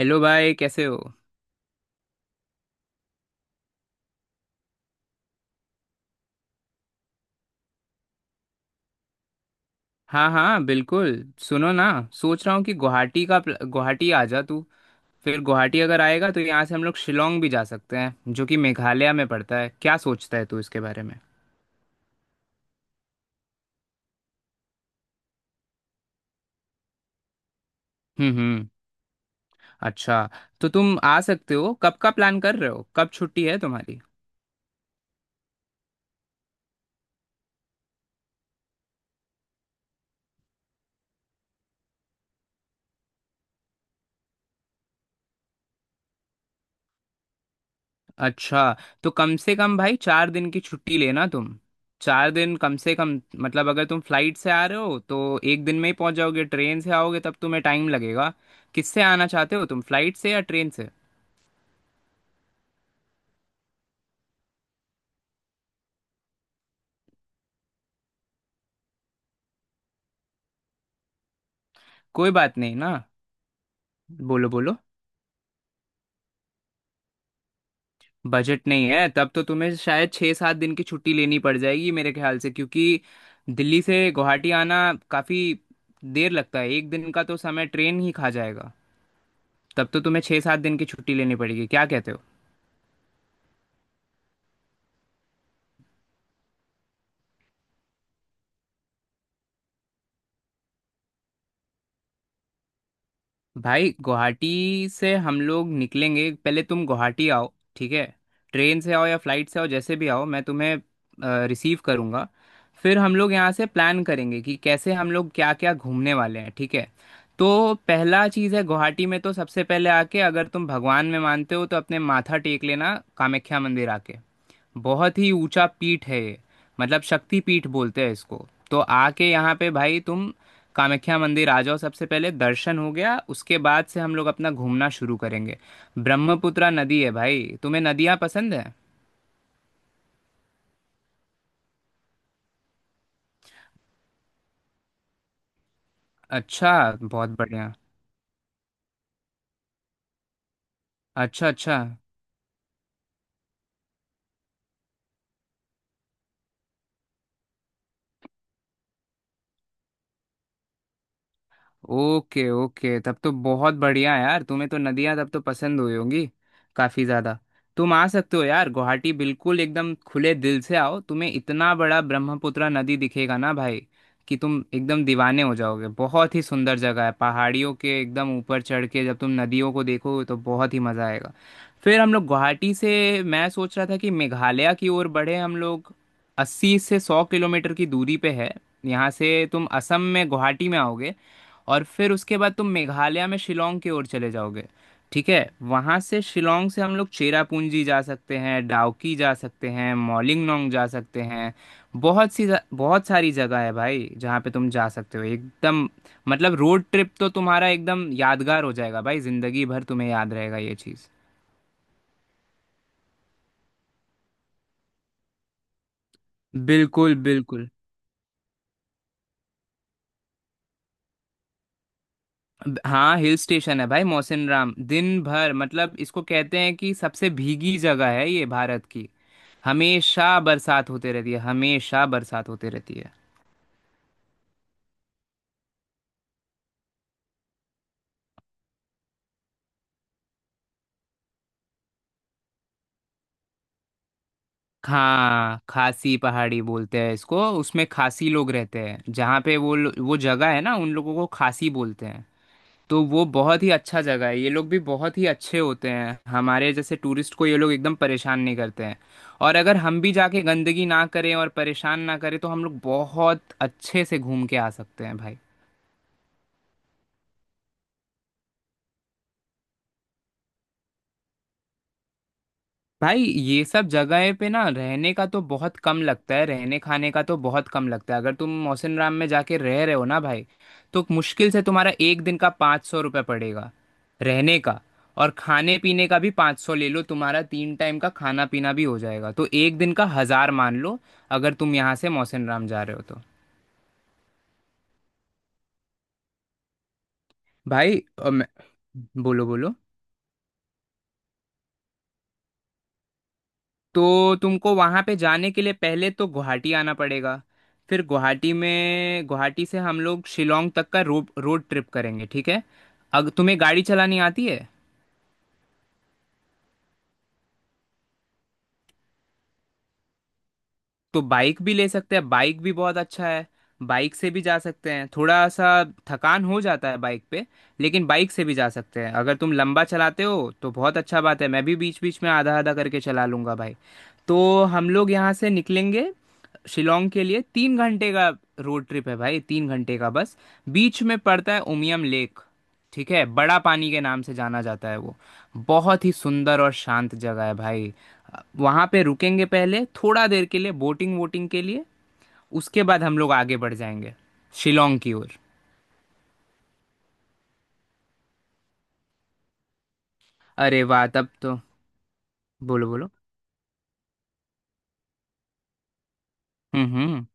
Hello भाई, कैसे हो। हाँ हाँ बिल्कुल। सुनो ना, सोच रहा हूँ कि गुवाहाटी का गुवाहाटी आ जा तू। फिर गुवाहाटी अगर आएगा तो यहाँ से हम लोग शिलोंग भी जा सकते हैं, जो कि मेघालय में पड़ता है। क्या सोचता है तू इसके बारे में? हम्म। अच्छा, तो तुम आ सकते हो? कब का प्लान कर रहे हो, कब छुट्टी है तुम्हारी? अच्छा, तो कम से कम भाई 4 दिन की छुट्टी लेना तुम। 4 दिन कम से कम। मतलब अगर तुम फ्लाइट से आ रहे हो तो एक दिन में ही पहुंच जाओगे, ट्रेन से आओगे तब तुम्हें टाइम लगेगा। किससे आना चाहते हो तुम, फ्लाइट से या ट्रेन से? कोई बात नहीं ना। बोलो बोलो। बजट नहीं है तब तो तुम्हें शायद 6-7 दिन की छुट्टी लेनी पड़ जाएगी मेरे ख्याल से, क्योंकि दिल्ली से गुवाहाटी आना काफ़ी देर लगता है, एक दिन का तो समय ट्रेन ही खा जाएगा। तब तो तुम्हें 6-7 दिन की छुट्टी लेनी पड़ेगी, क्या कहते हो? भाई गुवाहाटी से हम लोग निकलेंगे, पहले तुम गुवाहाटी आओ, ठीक है। ट्रेन से आओ या फ्लाइट से आओ, जैसे भी आओ मैं तुम्हें रिसीव करूँगा। फिर हम लोग यहाँ से प्लान करेंगे कि कैसे हम लोग क्या क्या घूमने वाले हैं, ठीक है। तो पहला चीज़ है गुवाहाटी में, तो सबसे पहले आके अगर तुम भगवान में मानते हो तो अपने माथा टेक लेना कामाख्या मंदिर आके। बहुत ही ऊंचा पीठ है ये, मतलब शक्ति पीठ बोलते हैं इसको। तो आके यहाँ पे भाई तुम कामाख्या मंदिर आ जाओ सबसे पहले, दर्शन हो गया उसके बाद से हम लोग अपना घूमना शुरू करेंगे। ब्रह्मपुत्रा नदी है भाई, तुम्हें नदियाँ पसंद है? अच्छा। बहुत बढ़िया। अच्छा अच्छा। ओके ओके, तब तो बहुत बढ़िया यार, तुम्हें तो नदियाँ तब तो पसंद हुई होंगी काफ़ी ज़्यादा। तुम आ सकते हो यार गुवाहाटी, बिल्कुल एकदम खुले दिल से आओ। तुम्हें इतना बड़ा ब्रह्मपुत्र नदी दिखेगा ना भाई कि तुम एकदम दीवाने हो जाओगे। बहुत ही सुंदर जगह है, पहाड़ियों के एकदम ऊपर चढ़ के जब तुम नदियों को देखोगे तो बहुत ही मज़ा आएगा। फिर हम लोग गुवाहाटी से, मैं सोच रहा था कि मेघालय की ओर बढ़े हम लोग। 80 से 100 किलोमीटर की दूरी पे है यहाँ से। तुम असम में गुवाहाटी में आओगे और फिर उसके बाद तुम मेघालय में शिलोंग की ओर चले जाओगे, ठीक है। वहां से शिलोंग से हम लोग चेरापूंजी जा सकते हैं, डाउकी जा सकते हैं, मॉलिंगनोंग जा सकते हैं। बहुत सी, बहुत सारी जगह है भाई जहाँ पे तुम जा सकते हो एकदम। मतलब रोड ट्रिप तो तुम्हारा एकदम यादगार हो जाएगा भाई, जिंदगी भर तुम्हें याद रहेगा ये चीज़। बिल्कुल बिल्कुल। हाँ हिल स्टेशन है भाई, मौसिन राम दिन भर, मतलब इसको कहते हैं कि सबसे भीगी जगह है ये भारत की। हमेशा बरसात होते रहती है, हमेशा बरसात होते रहती है। हाँ खासी पहाड़ी बोलते हैं इसको, उसमें खासी लोग रहते हैं जहाँ पे, वो जगह है ना, उन लोगों को खासी बोलते हैं। तो वो बहुत ही अच्छा जगह है, ये लोग भी बहुत ही अच्छे होते हैं, हमारे जैसे टूरिस्ट को ये लोग एकदम परेशान नहीं करते हैं। और अगर हम भी जाके गंदगी ना करें और परेशान ना करें तो हम लोग बहुत अच्छे से घूम के आ सकते हैं भाई। भाई ये सब जगह पे ना रहने का तो बहुत कम लगता है, रहने खाने का तो बहुत कम लगता है। अगर तुम मौसिन राम में जाके रह रहे हो ना भाई, तो मुश्किल से तुम्हारा एक दिन का 500 रुपये पड़ेगा रहने का। और खाने पीने का भी 500 ले लो, तुम्हारा तीन टाइम का खाना पीना भी हो जाएगा। तो एक दिन का हज़ार मान लो, अगर तुम यहाँ से मौसिन राम जा रहे हो तो। भाई बोलो बोलो। तो तुमको वहाँ पे जाने के लिए पहले तो गुवाहाटी आना पड़ेगा। फिर गुवाहाटी में, गुवाहाटी से हम लोग शिलोंग तक का रोड ट्रिप करेंगे, ठीक है। अगर तुम्हें गाड़ी चलानी आती है तो बाइक भी ले सकते हैं, बाइक भी बहुत अच्छा है। बाइक से भी जा सकते हैं, थोड़ा सा थकान हो जाता है बाइक पे, लेकिन बाइक से भी जा सकते हैं। अगर तुम लंबा चलाते हो तो बहुत अच्छा बात है, मैं भी बीच बीच में आधा आधा करके चला लूंगा भाई। तो हम लोग यहाँ से निकलेंगे शिलोंग के लिए, 3 घंटे का रोड ट्रिप है भाई, 3 घंटे का बस। बीच में पड़ता है उमियम लेक, ठीक है, बड़ा पानी के नाम से जाना जाता है वो। बहुत ही सुंदर और शांत जगह है भाई। वहां पे रुकेंगे पहले थोड़ा देर के लिए बोटिंग वोटिंग के लिए, उसके बाद हम लोग आगे बढ़ जाएंगे शिलोंग की ओर। अरे वाह तब तो, बोलो बोलो। हम्म।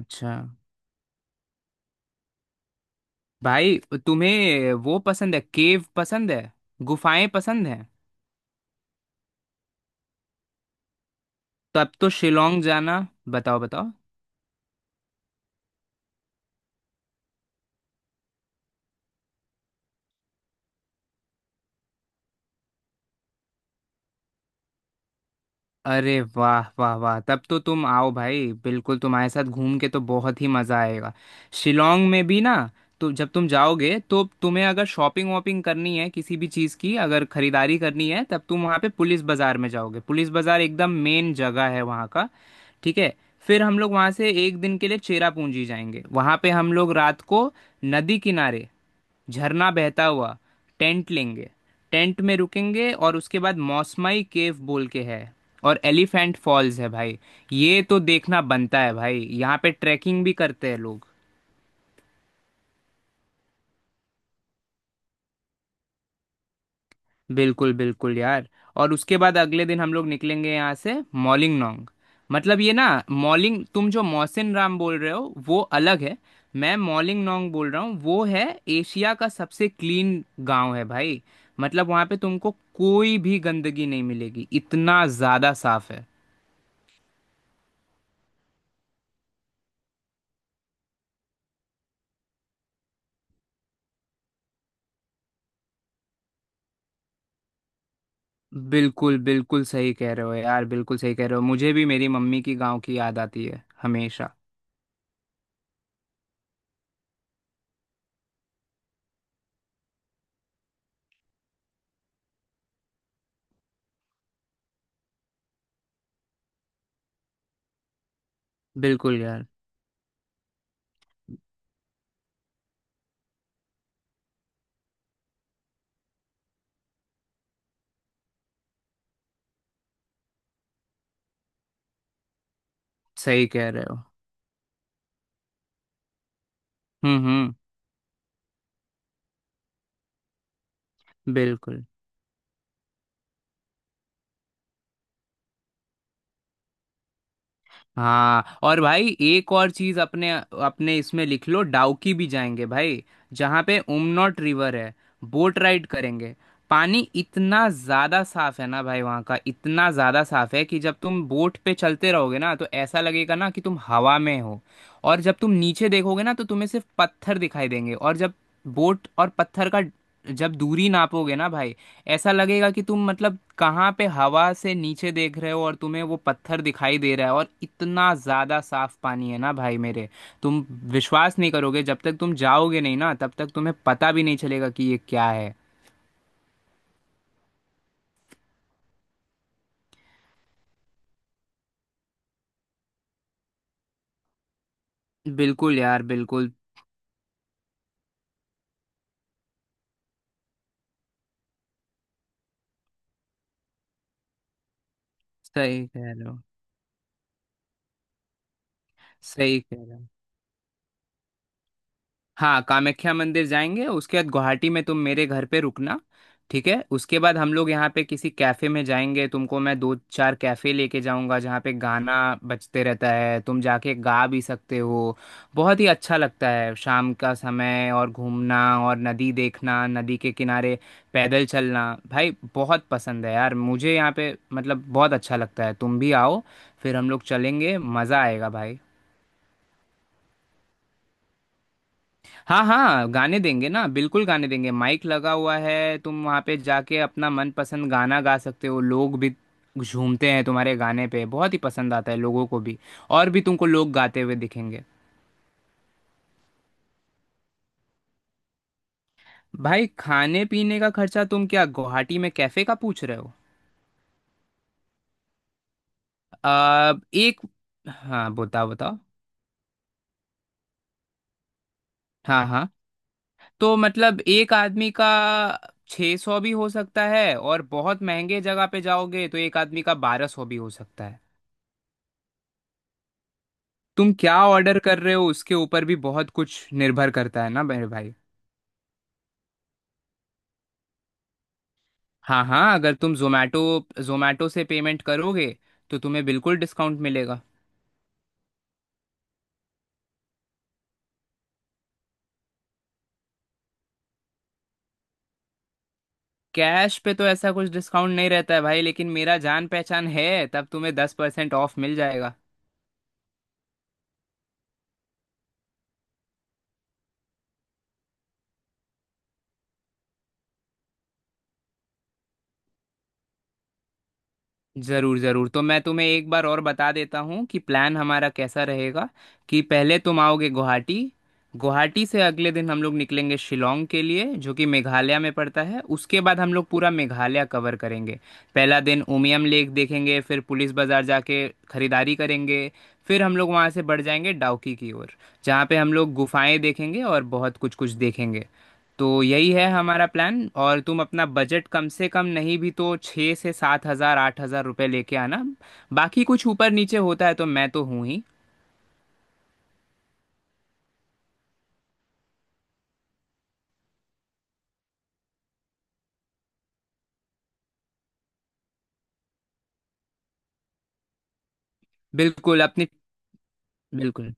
अच्छा भाई, तुम्हें वो पसंद है, केव पसंद है, गुफाएं पसंद है? तब तो शिलोंग जाना। बताओ बताओ। अरे वाह वाह वाह, तब तो तुम आओ भाई बिल्कुल, तुम्हारे साथ घूम के तो बहुत ही मज़ा आएगा। शिलोंग में भी ना, तो जब तुम जाओगे तो तुम्हें अगर शॉपिंग वॉपिंग करनी है, किसी भी चीज़ की अगर खरीदारी करनी है तब तुम वहाँ पे पुलिस बाज़ार में जाओगे, पुलिस बाज़ार एकदम मेन जगह है वहाँ का, ठीक है। फिर हम लोग वहाँ से एक दिन के लिए चेरापूंजी जाएंगे, वहाँ पे हम लोग रात को नदी किनारे, झरना बहता हुआ, टेंट लेंगे, टेंट में रुकेंगे। और उसके बाद मौसमाई केव बोल के है, और एलिफेंट फॉल्स है भाई। ये तो देखना बनता है भाई, यहाँ पे ट्रैकिंग भी करते हैं लोग। बिल्कुल बिल्कुल यार। और उसके बाद अगले दिन हम लोग निकलेंगे यहाँ से मॉलिंगनोंग। मतलब ये ना, मॉलिंग तुम जो मौसिन राम बोल रहे हो वो अलग है, मैं मॉलिंगनोंग बोल रहा हूँ। वो है एशिया का सबसे क्लीन गांव है भाई, मतलब वहाँ पे तुमको कोई भी गंदगी नहीं मिलेगी, इतना ज़्यादा साफ है। बिल्कुल बिल्कुल सही कह रहे हो यार, बिल्कुल सही कह रहे हो। मुझे भी मेरी मम्मी की गांव की याद आती है हमेशा। बिल्कुल यार। सही कह रहे हो। हम्म। बिल्कुल। हाँ और भाई एक और चीज अपने अपने इसमें लिख लो, डाउकी भी जाएंगे भाई जहाँ पे उमनॉट रिवर है, बोट राइड करेंगे। पानी इतना ज्यादा साफ है ना भाई वहाँ का, इतना ज्यादा साफ है कि जब तुम बोट पे चलते रहोगे ना तो ऐसा लगेगा ना कि तुम हवा में हो। और जब तुम नीचे देखोगे ना तो तुम्हें सिर्फ पत्थर दिखाई देंगे, और जब बोट और पत्थर का जब दूरी नापोगे ना भाई, ऐसा लगेगा कि तुम मतलब कहाँ पे हवा से नीचे देख रहे हो और तुम्हें वो पत्थर दिखाई दे रहा है, और इतना ज़्यादा साफ पानी है ना भाई मेरे। तुम विश्वास नहीं करोगे, जब तक तुम जाओगे नहीं ना तब तक तुम्हें पता भी नहीं चलेगा कि ये क्या है। बिल्कुल यार बिल्कुल। सही कह रहे हो। सही कह रहे हो। हाँ कामाख्या मंदिर जाएंगे, उसके बाद गुवाहाटी में तुम मेरे घर पे रुकना, ठीक है। उसके बाद हम लोग यहाँ पे किसी कैफ़े में जाएंगे, तुमको मैं दो चार कैफ़े लेके जाऊंगा जहाँ पे गाना बजते रहता है, तुम जाके गा भी सकते हो। बहुत ही अच्छा लगता है शाम का समय और घूमना, और नदी देखना, नदी के किनारे पैदल चलना भाई, बहुत पसंद है यार मुझे यहाँ पे, मतलब बहुत अच्छा लगता है। तुम भी आओ, फिर हम लोग चलेंगे, मज़ा आएगा भाई। हाँ हाँ गाने देंगे ना, बिल्कुल गाने देंगे, माइक लगा हुआ है, तुम वहाँ पे जाके अपना मनपसंद गाना गा सकते हो, लोग भी झूमते हैं तुम्हारे गाने पे, बहुत ही पसंद आता है लोगों को भी, और भी तुमको लोग गाते हुए दिखेंगे। भाई खाने पीने का खर्चा, तुम क्या गुवाहाटी में कैफे का पूछ रहे हो? आ, एक हाँ बताओ बताओ। हाँ हाँ, तो मतलब एक आदमी का 600 सौ भी हो सकता है, और बहुत महंगे जगह पे जाओगे तो एक आदमी का 1200 भी हो सकता है। तुम क्या ऑर्डर कर रहे हो उसके ऊपर भी बहुत कुछ निर्भर करता है ना मेरे भाई। हाँ हाँ अगर तुम जोमेटो जोमेटो से पेमेंट करोगे तो तुम्हें बिल्कुल डिस्काउंट मिलेगा। कैश पे तो ऐसा कुछ डिस्काउंट नहीं रहता है भाई, लेकिन मेरा जान पहचान है तब तुम्हें 10% ऑफ मिल जाएगा। ज़रूर ज़रूर, तो मैं तुम्हें एक बार और बता देता हूँ कि प्लान हमारा कैसा रहेगा। कि पहले तुम आओगे गुवाहाटी, गुवाहाटी से अगले दिन हम लोग निकलेंगे शिलोंग के लिए जो कि मेघालय में पड़ता है, उसके बाद हम लोग पूरा मेघालय कवर करेंगे। पहला दिन उमियम लेक देखेंगे, फिर पुलिस बाज़ार जाके खरीदारी करेंगे, फिर हम लोग वहाँ से बढ़ जाएंगे डाउकी की ओर जहाँ पे हम लोग गुफाएं देखेंगे और बहुत कुछ कुछ देखेंगे। तो यही है हमारा प्लान, और तुम अपना बजट कम से कम नहीं भी तो 6 से 7,000-8,000 रुपये लेके आना, बाकी कुछ ऊपर नीचे होता है तो मैं तो हूँ ही। बिल्कुल अपनी बिल्कुल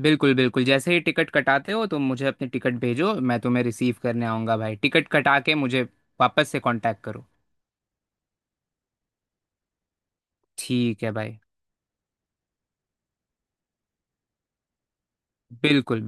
बिल्कुल। बिल्कुल जैसे ही टिकट कटाते हो तो मुझे अपनी टिकट भेजो, मैं तुम्हें रिसीव करने आऊँगा भाई, टिकट कटा के मुझे वापस से कांटेक्ट करो, ठीक है भाई। बिल्कुल।